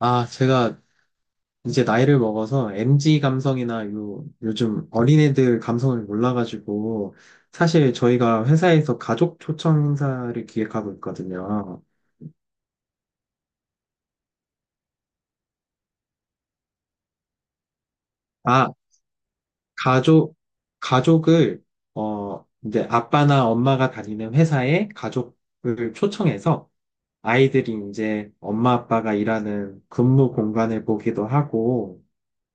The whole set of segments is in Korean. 아, 제가 이제 나이를 먹어서 MG 감성이나 요즘 어린애들 감성을 몰라가지고, 사실 저희가 회사에서 가족 초청 행사를 기획하고 있거든요. 아, 가족, 가족을, 이제 아빠나 엄마가 다니는 회사에 가족을 초청해서 아이들이 이제 엄마 아빠가 일하는 근무 공간을 보기도 하고,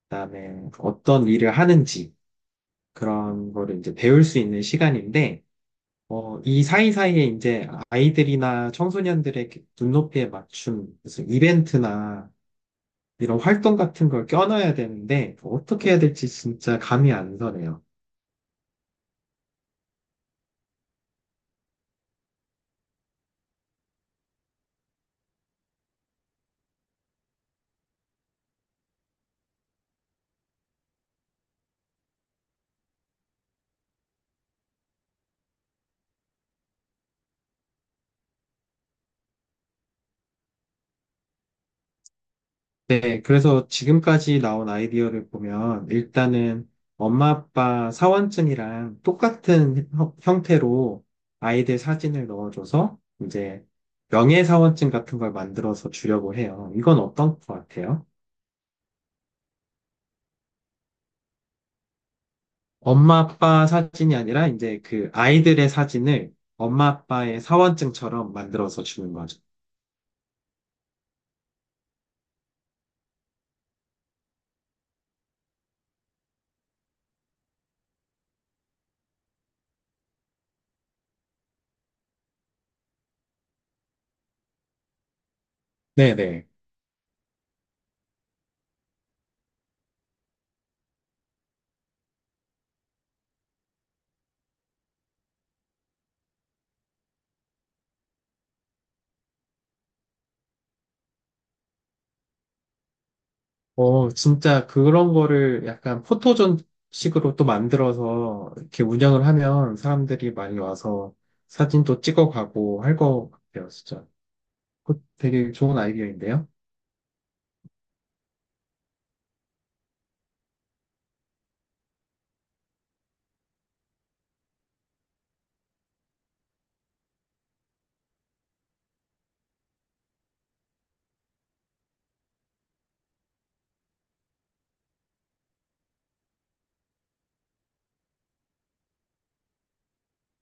그다음에 어떤 일을 하는지 그런 거를 이제 배울 수 있는 시간인데, 이 사이사이에 이제 아이들이나 청소년들의 눈높이에 맞춘 무슨 이벤트나 이런 활동 같은 걸 껴넣어야 되는데 어떻게 해야 될지 진짜 감이 안 서네요. 네, 그래서 지금까지 나온 아이디어를 보면 일단은 엄마 아빠 사원증이랑 똑같은 형태로 아이들 사진을 넣어줘서 이제 명예사원증 같은 걸 만들어서 주려고 해요. 이건 어떤 것 같아요? 엄마 아빠 사진이 아니라 이제 그 아이들의 사진을 엄마 아빠의 사원증처럼 만들어서 주는 거죠. 네네. 어, 진짜 그런 거를 약간 포토존 식으로 또 만들어서 이렇게 운영을 하면 사람들이 많이 와서 사진도 찍어가고 할 것 같아요, 진짜. 그거 되게 좋은 아이디어인데요.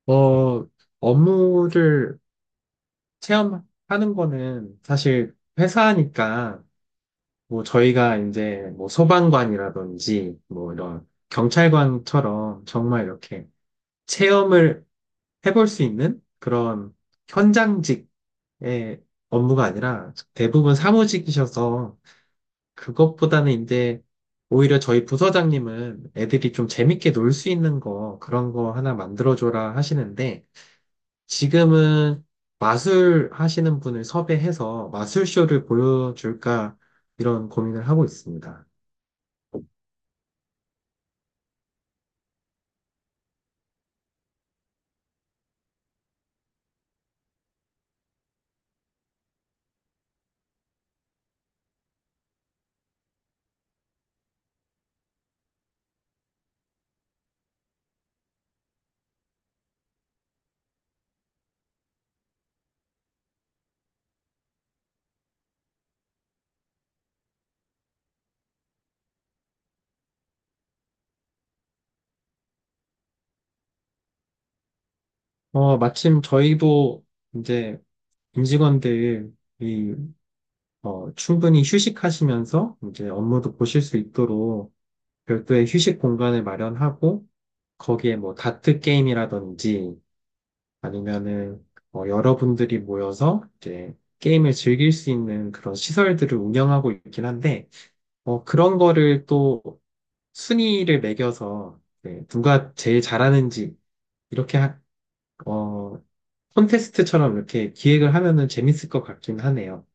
어, 업무를 체험하는 거는 사실 회사니까 뭐 저희가 이제 뭐 소방관이라든지 뭐 이런 경찰관처럼 정말 이렇게 체험을 해볼 수 있는 그런 현장직의 업무가 아니라 대부분 사무직이셔서 그것보다는 이제 오히려 저희 부서장님은 애들이 좀 재밌게 놀 수 있는 거 그런 거 하나 만들어줘라 하시는데 지금은 마술 하시는 분을 섭외해서 마술쇼를 보여줄까 이런 고민을 하고 있습니다. 어, 마침 저희도 이제 임직원들이 충분히 휴식하시면서 이제 업무도 보실 수 있도록 별도의 휴식 공간을 마련하고 거기에 뭐 다트 게임이라든지 아니면은 여러분들이 모여서 이제 게임을 즐길 수 있는 그런 시설들을 운영하고 있긴 한데 그런 거를 또 순위를 매겨서 이제 누가 제일 잘하는지 이렇게 하- 어, 콘테스트처럼 이렇게 기획을 하면은 재밌을 것 같긴 하네요.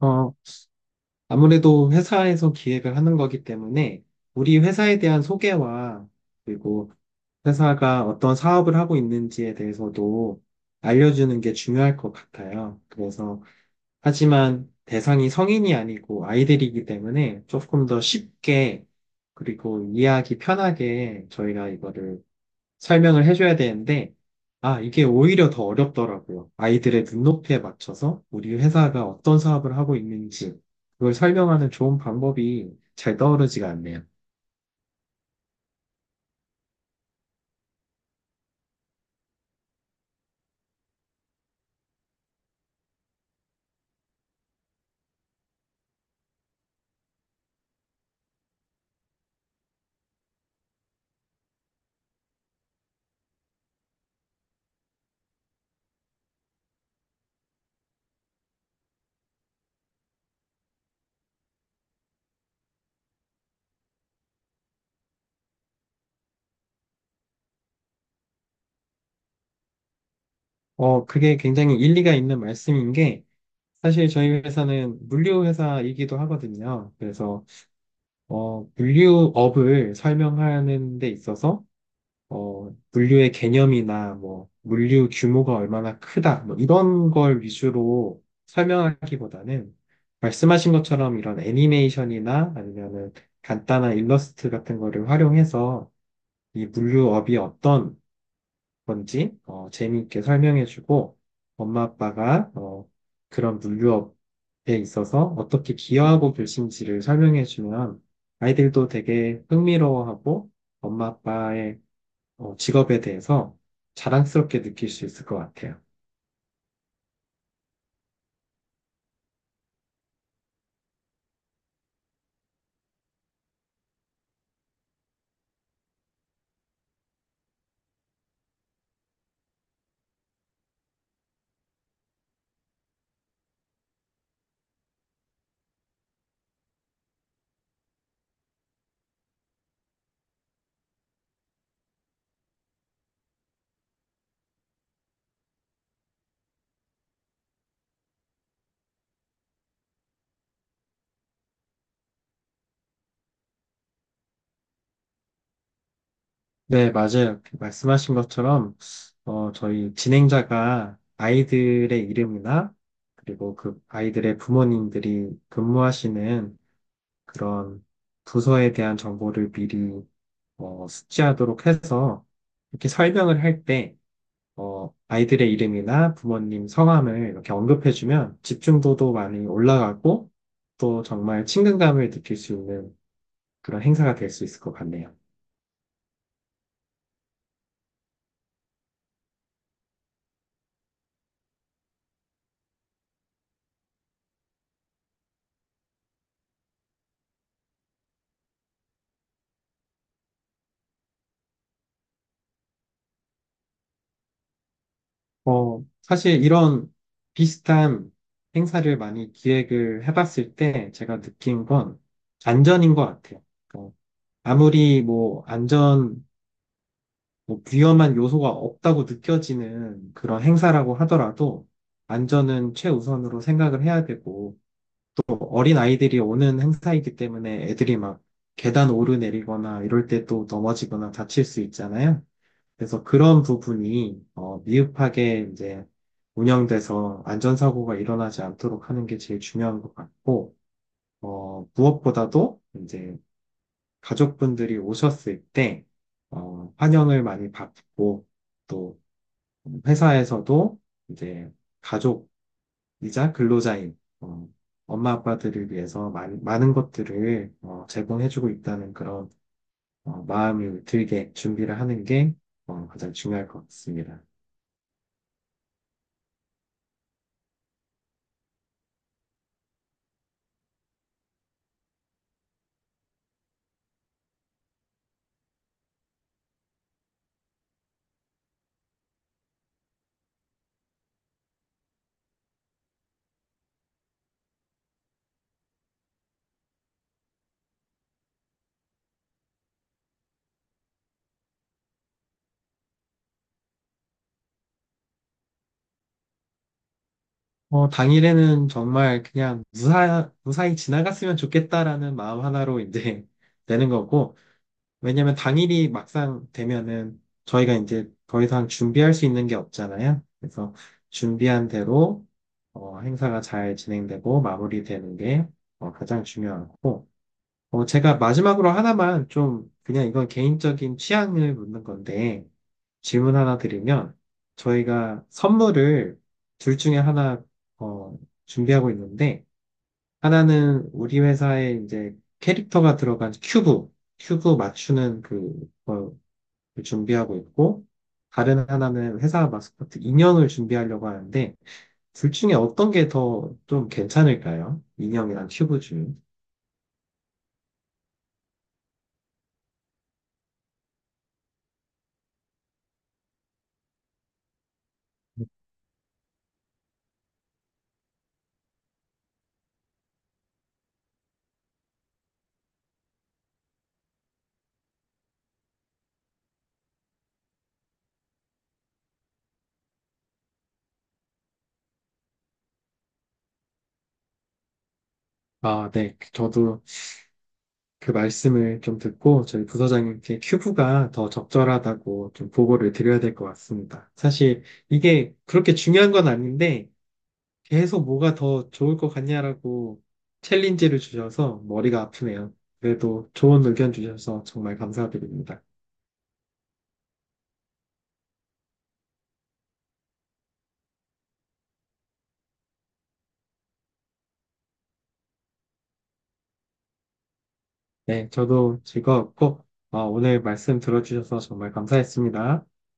어, 아무래도 회사에서 기획을 하는 거기 때문에 우리 회사에 대한 소개와 그리고 회사가 어떤 사업을 하고 있는지에 대해서도 알려주는 게 중요할 것 같아요. 그래서, 하지만 대상이 성인이 아니고 아이들이기 때문에 조금 더 쉽게 그리고 이해하기 편하게 저희가 이거를 설명을 해줘야 되는데, 아, 이게 오히려 더 어렵더라고요. 아이들의 눈높이에 맞춰서 우리 회사가 어떤 사업을 하고 있는지, 그걸 설명하는 좋은 방법이 잘 떠오르지가 않네요. 그게 굉장히 일리가 있는 말씀인 게, 사실 저희 회사는 물류 회사이기도 하거든요. 그래서, 물류업을 설명하는 데 있어서 물류의 개념이나 뭐 물류 규모가 얼마나 크다 뭐 이런 걸 위주로 설명하기보다는 말씀하신 것처럼 이런 애니메이션이나 아니면은 간단한 일러스트 같은 거를 활용해서 이 물류업이 어떤 건지 재미있게 설명해주고 엄마 아빠가 그런 물류업에 있어서 어떻게 기여하고 계신지를 설명해주면 아이들도 되게 흥미로워하고 엄마 아빠의 직업에 대해서 자랑스럽게 느낄 수 있을 것 같아요. 네, 맞아요. 그 말씀하신 것처럼, 저희 진행자가 아이들의 이름이나, 그리고 그 아이들의 부모님들이 근무하시는 그런 부서에 대한 정보를 미리, 숙지하도록 해서, 이렇게 설명을 할 때, 아이들의 이름이나 부모님 성함을 이렇게 언급해주면 집중도도 많이 올라가고, 또 정말 친근감을 느낄 수 있는 그런 행사가 될 수 있을 것 같네요. 사실 이런 비슷한 행사를 많이 기획을 해봤을 때 제가 느낀 건 안전인 것 같아요. 어, 아무리 뭐 위험한 요소가 없다고 느껴지는 그런 행사라고 하더라도 안전은 최우선으로 생각을 해야 되고 또 어린 아이들이 오는 행사이기 때문에 애들이 막 계단 오르내리거나 이럴 때 또 넘어지거나 다칠 수 있잖아요. 그래서 그런 부분이 미흡하게 이제 운영돼서 안전사고가 일어나지 않도록 하는 게 제일 중요한 것 같고, 무엇보다도 이제 가족분들이 오셨을 때, 환영을 많이 받고, 또 회사에서도 이제 가족이자 근로자인, 엄마 아빠들을 위해서 많은 것들을 제공해주고 있다는 그런 마음이 들게 준비를 하는 게 가장 중요할 것 같습니다. 당일에는 정말 그냥 무사히 지나갔으면 좋겠다라는 마음 하나로 이제 되는 거고, 왜냐면 당일이 막상 되면은 저희가 이제 더 이상 준비할 수 있는 게 없잖아요. 그래서 준비한 대로 행사가 잘 진행되고 마무리되는 게 가장 중요하고, 제가 마지막으로 하나만 좀, 그냥 이건 개인적인 취향을 묻는 건데, 질문 하나 드리면, 저희가 선물을 둘 중에 하나, 어, 준비하고 있는데, 하나는 우리 회사에 이제 캐릭터가 들어간 큐브, 큐브 맞추는 그, 걸 준비하고 있고, 다른 하나는 회사 마스코트 인형을 준비하려고 하는데, 둘 중에 어떤 게 더 좀 괜찮을까요? 인형이랑 큐브 중. 아, 네. 저도 그 말씀을 좀 듣고 저희 부서장님께 큐브가 더 적절하다고 좀 보고를 드려야 될 것 같습니다. 사실 이게 그렇게 중요한 건 아닌데 계속 뭐가 더 좋을 것 같냐라고 챌린지를 주셔서 머리가 아프네요. 그래도 좋은 의견 주셔서 정말 감사드립니다. 네, 저도 즐거웠고 오늘 말씀 들어주셔서 정말 감사했습니다.